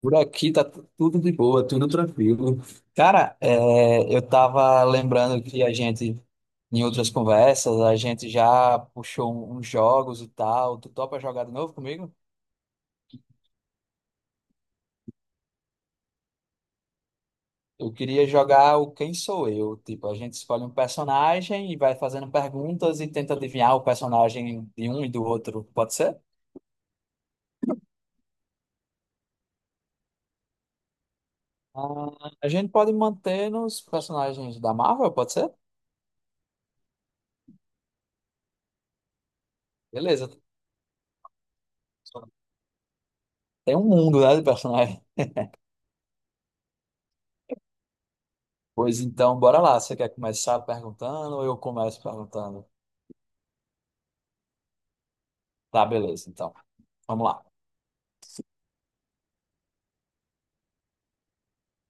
Por aqui tá tudo de boa, tudo tranquilo. Cara, eu tava lembrando que a gente, em outras conversas, a gente já puxou uns jogos e tal. Tu topa jogar de novo comigo? Eu queria jogar o Quem Sou Eu. Tipo, a gente escolhe um personagem e vai fazendo perguntas e tenta adivinhar o personagem de um e do outro. Pode ser? Ah, a gente pode manter nos personagens da Marvel, pode ser? Beleza. Tem um mundo, né, de personagens. Pois então, bora lá. Você quer começar perguntando ou eu começo perguntando? Tá, beleza, então. Vamos lá.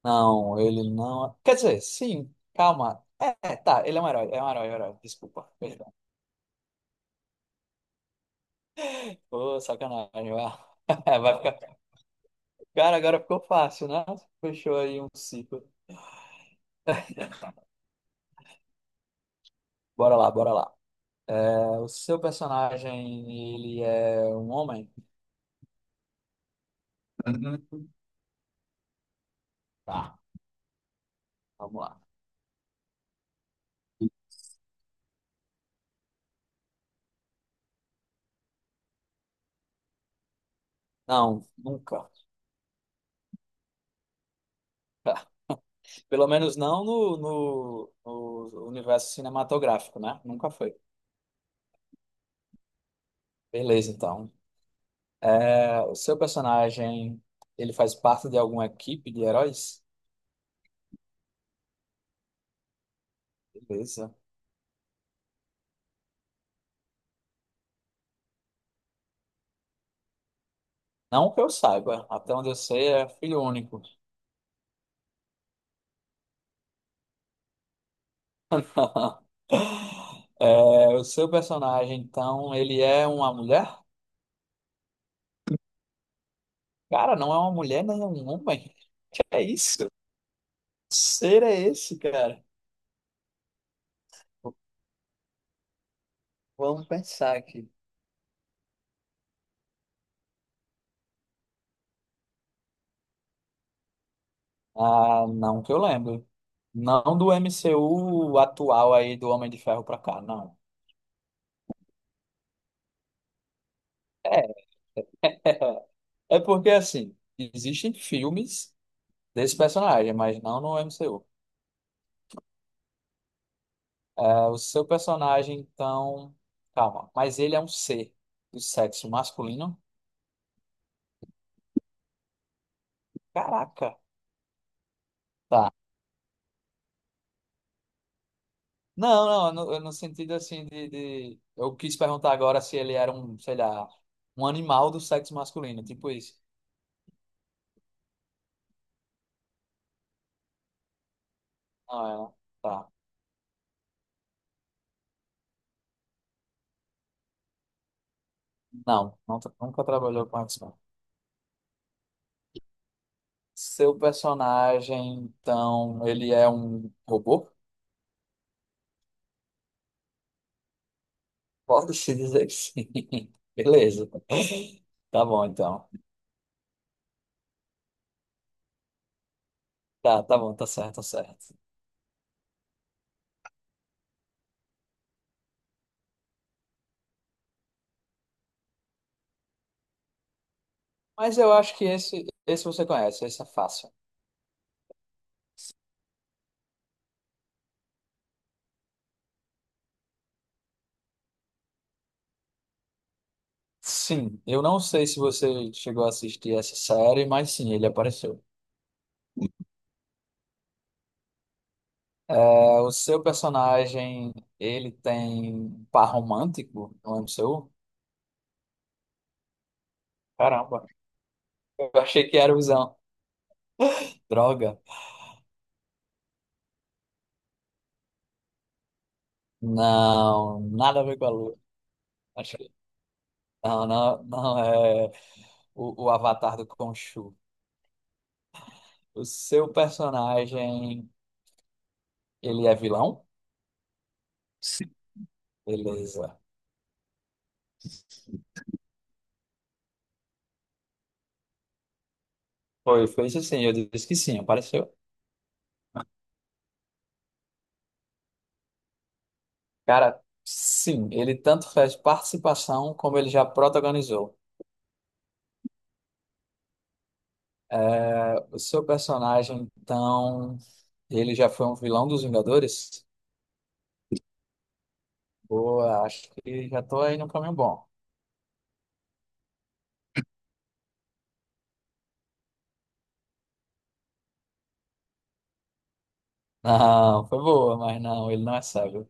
Não, ele não. Quer dizer, sim, calma. Tá, ele é um herói, é um herói, é um herói. Desculpa, perdão. Ô, sacanagem, ó. Vai ficar. Cara, agora ficou fácil, né? Fechou aí um ciclo. Bora lá, bora lá. O seu personagem, ele é um homem? Uhum. Tá, vamos lá. Não, nunca. Pelo menos no universo cinematográfico, né? Nunca foi. Beleza, então. O seu personagem, ele faz parte de alguma equipe de heróis? Beleza. Não que eu saiba. Até onde eu sei, é filho único. O seu personagem, então, ele é uma mulher? Cara, não é uma mulher, nem é um homem. É isso? Que ser é esse, cara? Vamos pensar aqui. Ah, não que eu lembro. Não do MCU atual aí do Homem de Ferro pra cá, não. É porque, assim, existem filmes desse personagem, mas não no MCU. O seu personagem, então. Calma, mas ele é um ser do sexo masculino? Caraca, tá. Não, no sentido assim de. Eu quis perguntar agora se ele era um, sei lá, um animal do sexo masculino, tipo isso. Não, é, tá. Não, nunca trabalhou com x. Seu personagem, então, ele é um robô? Pode-se dizer que sim. Beleza. Tá bom, então. Tá, tá bom, tá certo, tá certo. Mas eu acho que esse você conhece, esse é fácil. Sim, eu não sei se você chegou a assistir essa série, mas sim, ele apareceu. O seu personagem, ele tem par romântico no MCU? Caramba, eu achei que era o visão. Droga. Não, nada a ver com a lua. Não, não, não é o Avatar do Khonshu. O seu personagem, ele é vilão? Sim. Beleza. Foi isso sim, eu disse que sim, apareceu. Cara, sim, ele tanto fez participação como ele já protagonizou. O seu personagem, então, ele já foi um vilão dos Vingadores? Boa, acho que já tô aí no caminho bom. Não, foi boa, mas não, ele não é cego.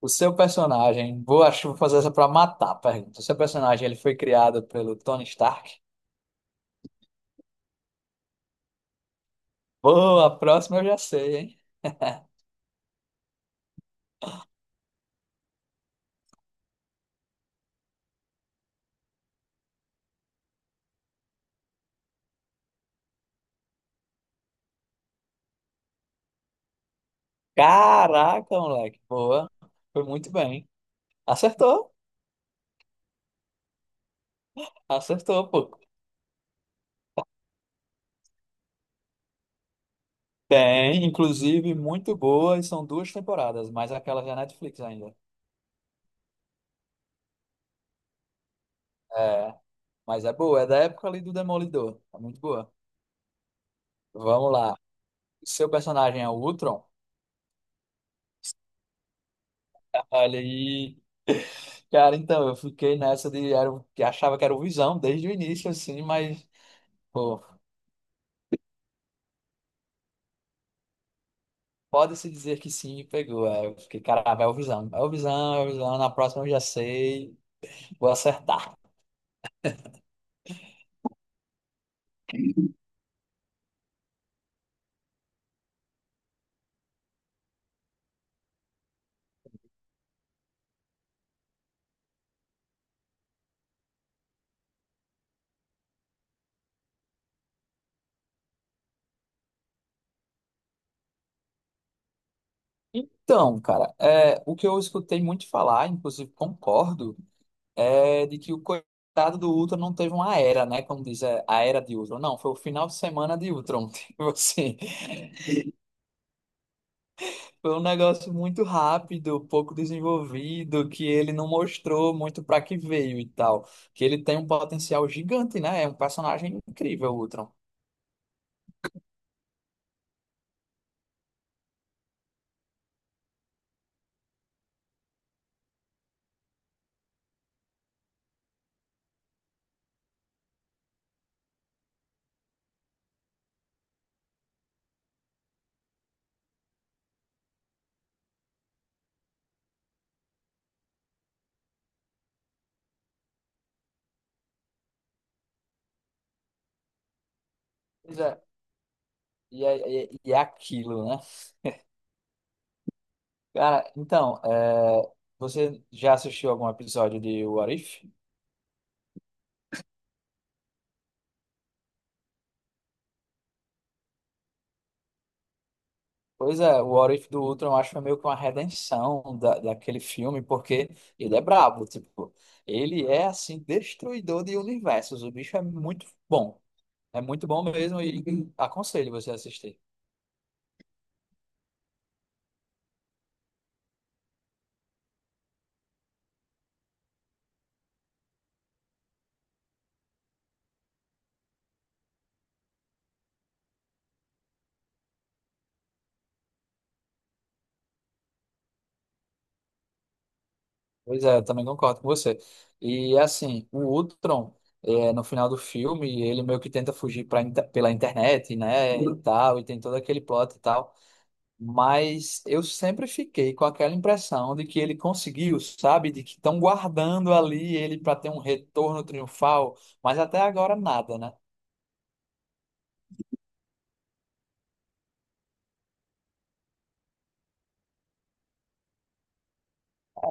O seu personagem, vou, acho que vou fazer essa pra matar a pergunta. O seu personagem, ele foi criado pelo Tony Stark? Boa, a próxima eu já sei, hein? Caraca, moleque, boa. Foi muito bem. Acertou, acertou, pô. Tem, inclusive, muito boa, e são duas temporadas, mas aquela já é Netflix ainda. É, mas é boa, é da época ali do Demolidor. É muito boa. Vamos lá. O seu personagem é o Ultron? Olha aí. Cara, então, eu fiquei nessa de era, que achava que era o Visão desde o início, assim, mas, pô, pode-se dizer que sim, me pegou. Aí eu fiquei, caramba, é o Visão, é o Visão, é o Visão, na próxima eu já sei, vou acertar. Então, cara, é, o que eu escutei muito falar, inclusive concordo, é de que o coitado do Ultron não teve uma era, né? Como diz, é, a era de Ultron. Não, foi o final de semana de Ultron, tipo assim. Foi um negócio muito rápido, pouco desenvolvido, que ele não mostrou muito para que veio e tal. Que ele tem um potencial gigante, né? É um personagem incrível, o Ultron. Pois é, e é aquilo, né? Cara, então, é, você já assistiu algum episódio de What If? Pois é, o What If do Ultron eu acho que foi meio que uma redenção daquele filme, porque ele é brabo, tipo, ele é assim, destruidor de universos, o bicho é muito bom. É muito bom mesmo e aconselho você a assistir. Pois é, eu também concordo com você. E assim, o Ultron, é, no final do filme, ele meio que tenta fugir pela internet, né, e tal, e tem todo aquele plot e tal. Mas eu sempre fiquei com aquela impressão de que ele conseguiu, sabe? De que estão guardando ali ele para ter um retorno triunfal, mas até agora nada, né?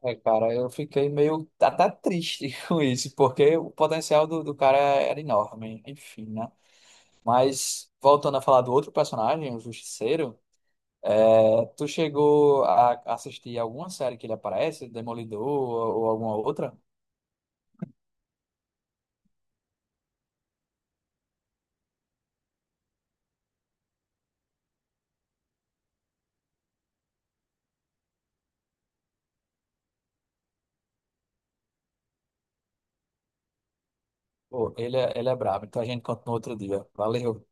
É, cara, eu fiquei meio até triste com isso, porque o potencial do cara era enorme, enfim, né? Mas voltando a falar do outro personagem, o Justiceiro, é, tu chegou a assistir alguma série que ele aparece, Demolidor ou alguma outra? Pô, ele é brabo, então a gente conta no outro dia. Valeu.